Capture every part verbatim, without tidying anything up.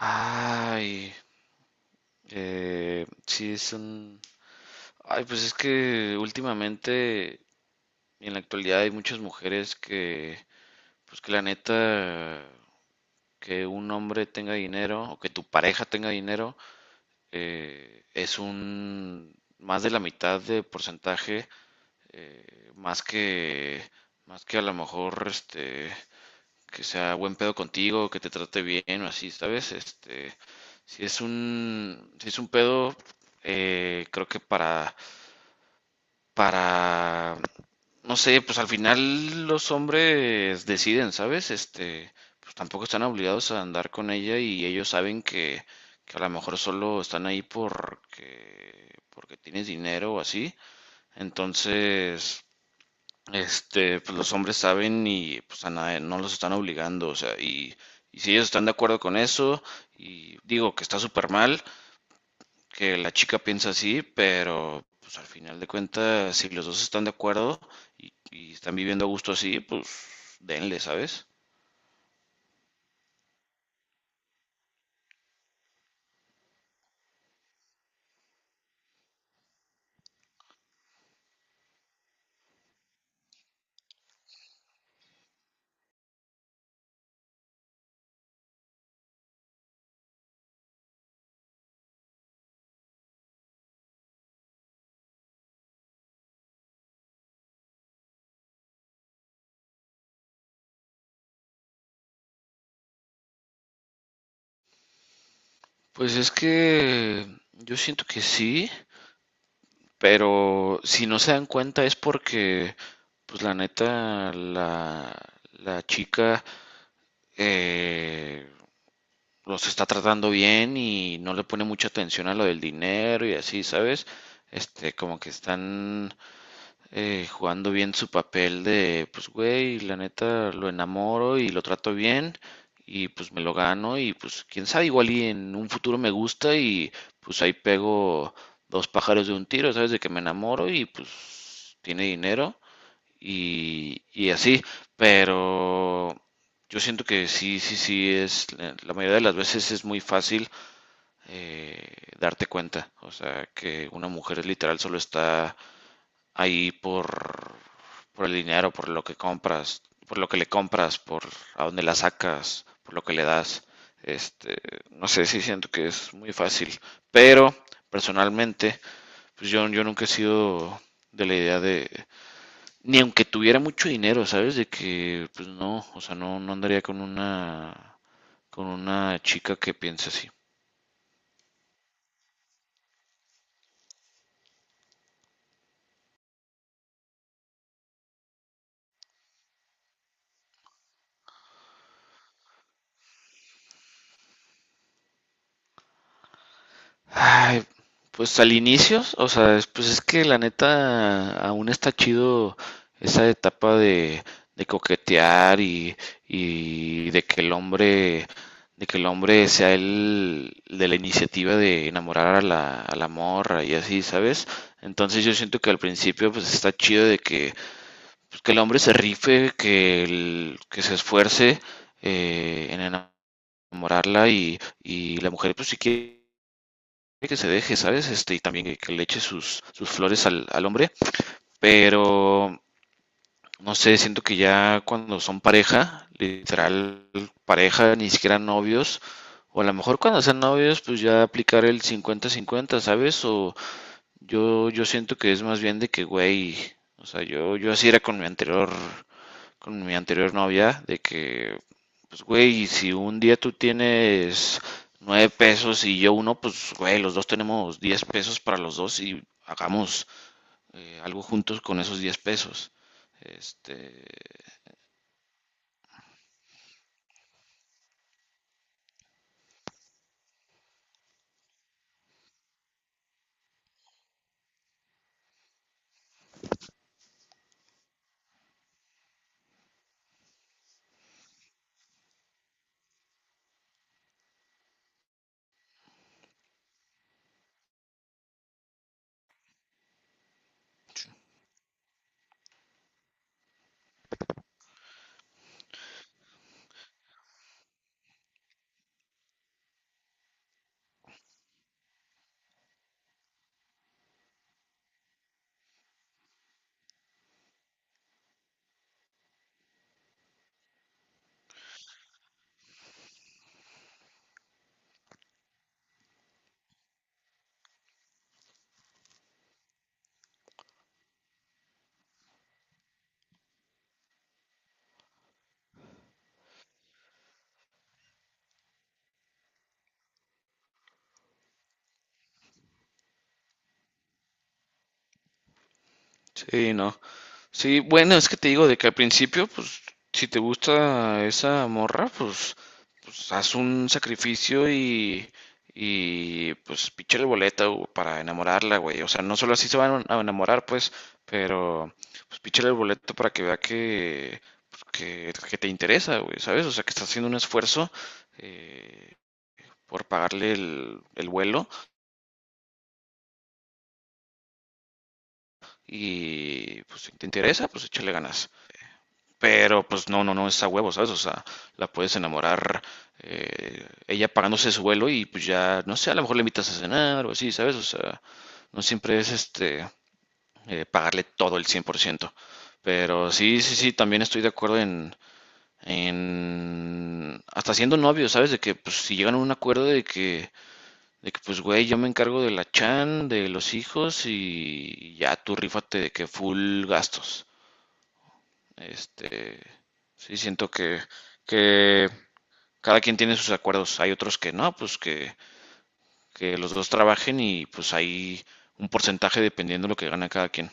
Ay, eh, sí, es un... Ay, pues es que últimamente, en la actualidad, hay muchas mujeres que, pues que la neta, que un hombre tenga dinero o que tu pareja tenga dinero, eh, es un... más de la mitad de porcentaje, eh, más que, más que a lo mejor, este, que sea buen pedo contigo, que te trate bien o así, ¿sabes? Este, si es un, si es un pedo, eh, creo que para, para, no sé, pues al final los hombres deciden, ¿sabes? Este, pues tampoco están obligados a andar con ella y ellos saben que, que a lo mejor solo están ahí porque, porque tienes dinero o así. Entonces, este, pues los hombres saben y pues a nadie, no los están obligando, o sea, y, y si ellos están de acuerdo con eso, y digo que está súper mal, que la chica piensa así, pero pues al final de cuentas, si los dos están de acuerdo y, y están viviendo a gusto así, pues denle, ¿sabes? Pues es que yo siento que sí, pero si no se dan cuenta es porque, pues la neta, la, la chica eh, los está tratando bien y no le pone mucha atención a lo del dinero y así, ¿sabes? Este, como que están eh, jugando bien su papel de, pues, güey, la neta lo enamoro y lo trato bien y pues me lo gano y pues quién sabe, igual y en un futuro me gusta y pues ahí pego dos pájaros de un tiro, ¿sabes? De que me enamoro y pues tiene dinero y, y así, pero yo siento que sí, sí, sí, es, eh, la mayoría de las veces es muy fácil eh, darte cuenta, o sea, que una mujer literal solo está ahí por, por el dinero, por lo que compras, por lo que le compras, por a dónde la sacas, por lo que le das. Este, no sé, sí siento que es muy fácil, pero personalmente, pues yo, yo nunca he sido de la idea de, ni aunque tuviera mucho dinero, ¿sabes? De que, pues no, o sea, no, no andaría con una, con una chica que piense así. Ay, pues al inicio, o sea, es- pues es que la neta aún está chido esa etapa de, de coquetear y, y de que el hombre, de que el hombre sea el de la iniciativa de enamorar a la, a la morra y así, ¿sabes? Entonces yo siento que al principio pues está chido de que pues, que el hombre se rife, que, el- que se esfuerce eh, en enamorarla y, y la mujer, pues si quiere que se deje, ¿sabes? Este, y también que, que le eche sus, sus flores al, al hombre, pero no sé, siento que ya cuando son pareja, literal pareja, ni siquiera novios, o a lo mejor cuando sean novios, pues ya aplicar el cincuenta cincuenta, ¿sabes? O yo, yo siento que es más bien de que, güey, o sea, yo, yo así era con mi anterior con mi anterior novia de que, pues, güey, si un día tú tienes nueve pesos y yo uno, pues, güey, los dos tenemos diez pesos para los dos y hagamos eh, algo juntos con esos diez pesos. Este, sí, no. Sí, bueno, es que te digo de que al principio, pues, si te gusta esa morra, pues, pues haz un sacrificio y, y pues píchale boleta, güey, para enamorarla, güey. O sea, no solo así se van a enamorar, pues, pero pues píchale el boleto para que vea que, pues, que, que te interesa, güey, ¿sabes? O sea, que estás haciendo un esfuerzo eh, por pagarle el, el vuelo y pues si te interesa, pues échale ganas. Pero pues no, no, no es a huevo, ¿sabes? O sea, la puedes enamorar eh, ella pagándose su vuelo y pues ya, no sé, a lo mejor le invitas a cenar o así, ¿sabes? O sea, no siempre es este eh, pagarle todo el cien por ciento. Pero sí, sí, sí, también estoy de acuerdo en, en hasta siendo novios, ¿sabes? De que pues si llegan a un acuerdo de que, de que pues güey, yo me encargo de la chan, de los hijos y ya tú rífate de que full gastos. Este, sí, siento que, que cada quien tiene sus acuerdos. Hay otros que no, pues que, que los dos trabajen y pues hay un porcentaje dependiendo de lo que gana cada quien.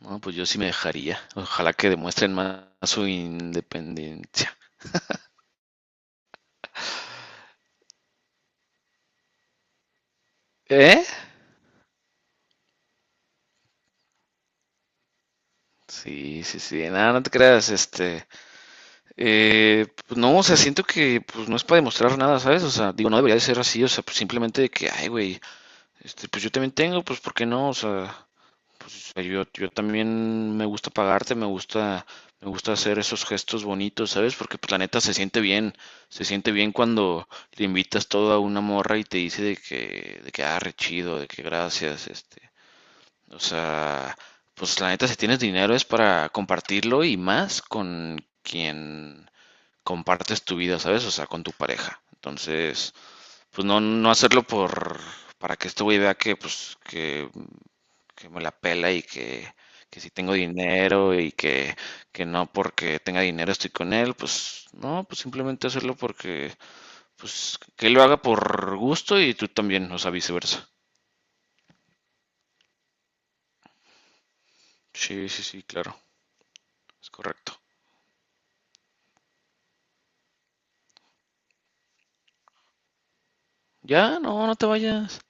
No, pues yo sí me dejaría. Ojalá que demuestren más su independencia. ¿Eh? Sí, sí, sí. Nada, no te creas. Este, eh, pues no, o sea, siento que pues no es para demostrar nada, ¿sabes? O sea, digo, no debería de ser así. O sea, pues simplemente de que, ay, güey, este, pues yo también tengo, pues ¿por qué no? O sea, pues eh, yo, yo también me gusta pagarte, me gusta, me gusta hacer esos gestos bonitos, ¿sabes? Porque pues la neta se siente bien, se siente bien cuando le invitas todo a una morra y te dice de que, de que, ah, re chido, de que gracias, este. O sea, pues la neta si tienes dinero es para compartirlo y más con quien compartes tu vida, ¿sabes? O sea, con tu pareja. Entonces, pues no, no hacerlo por, para que este güey vea que, pues, que que me la pela y que, que si tengo dinero y que, que no porque tenga dinero estoy con él, pues no, pues simplemente hacerlo porque, pues que él lo haga por gusto y tú también, o sea, viceversa. Sí, sí, sí, claro, es correcto. Ya, no, no te vayas.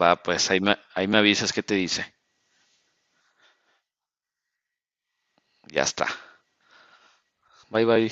Va, pues ahí me, ahí me avisas qué te dice. Ya está. Bye, bye.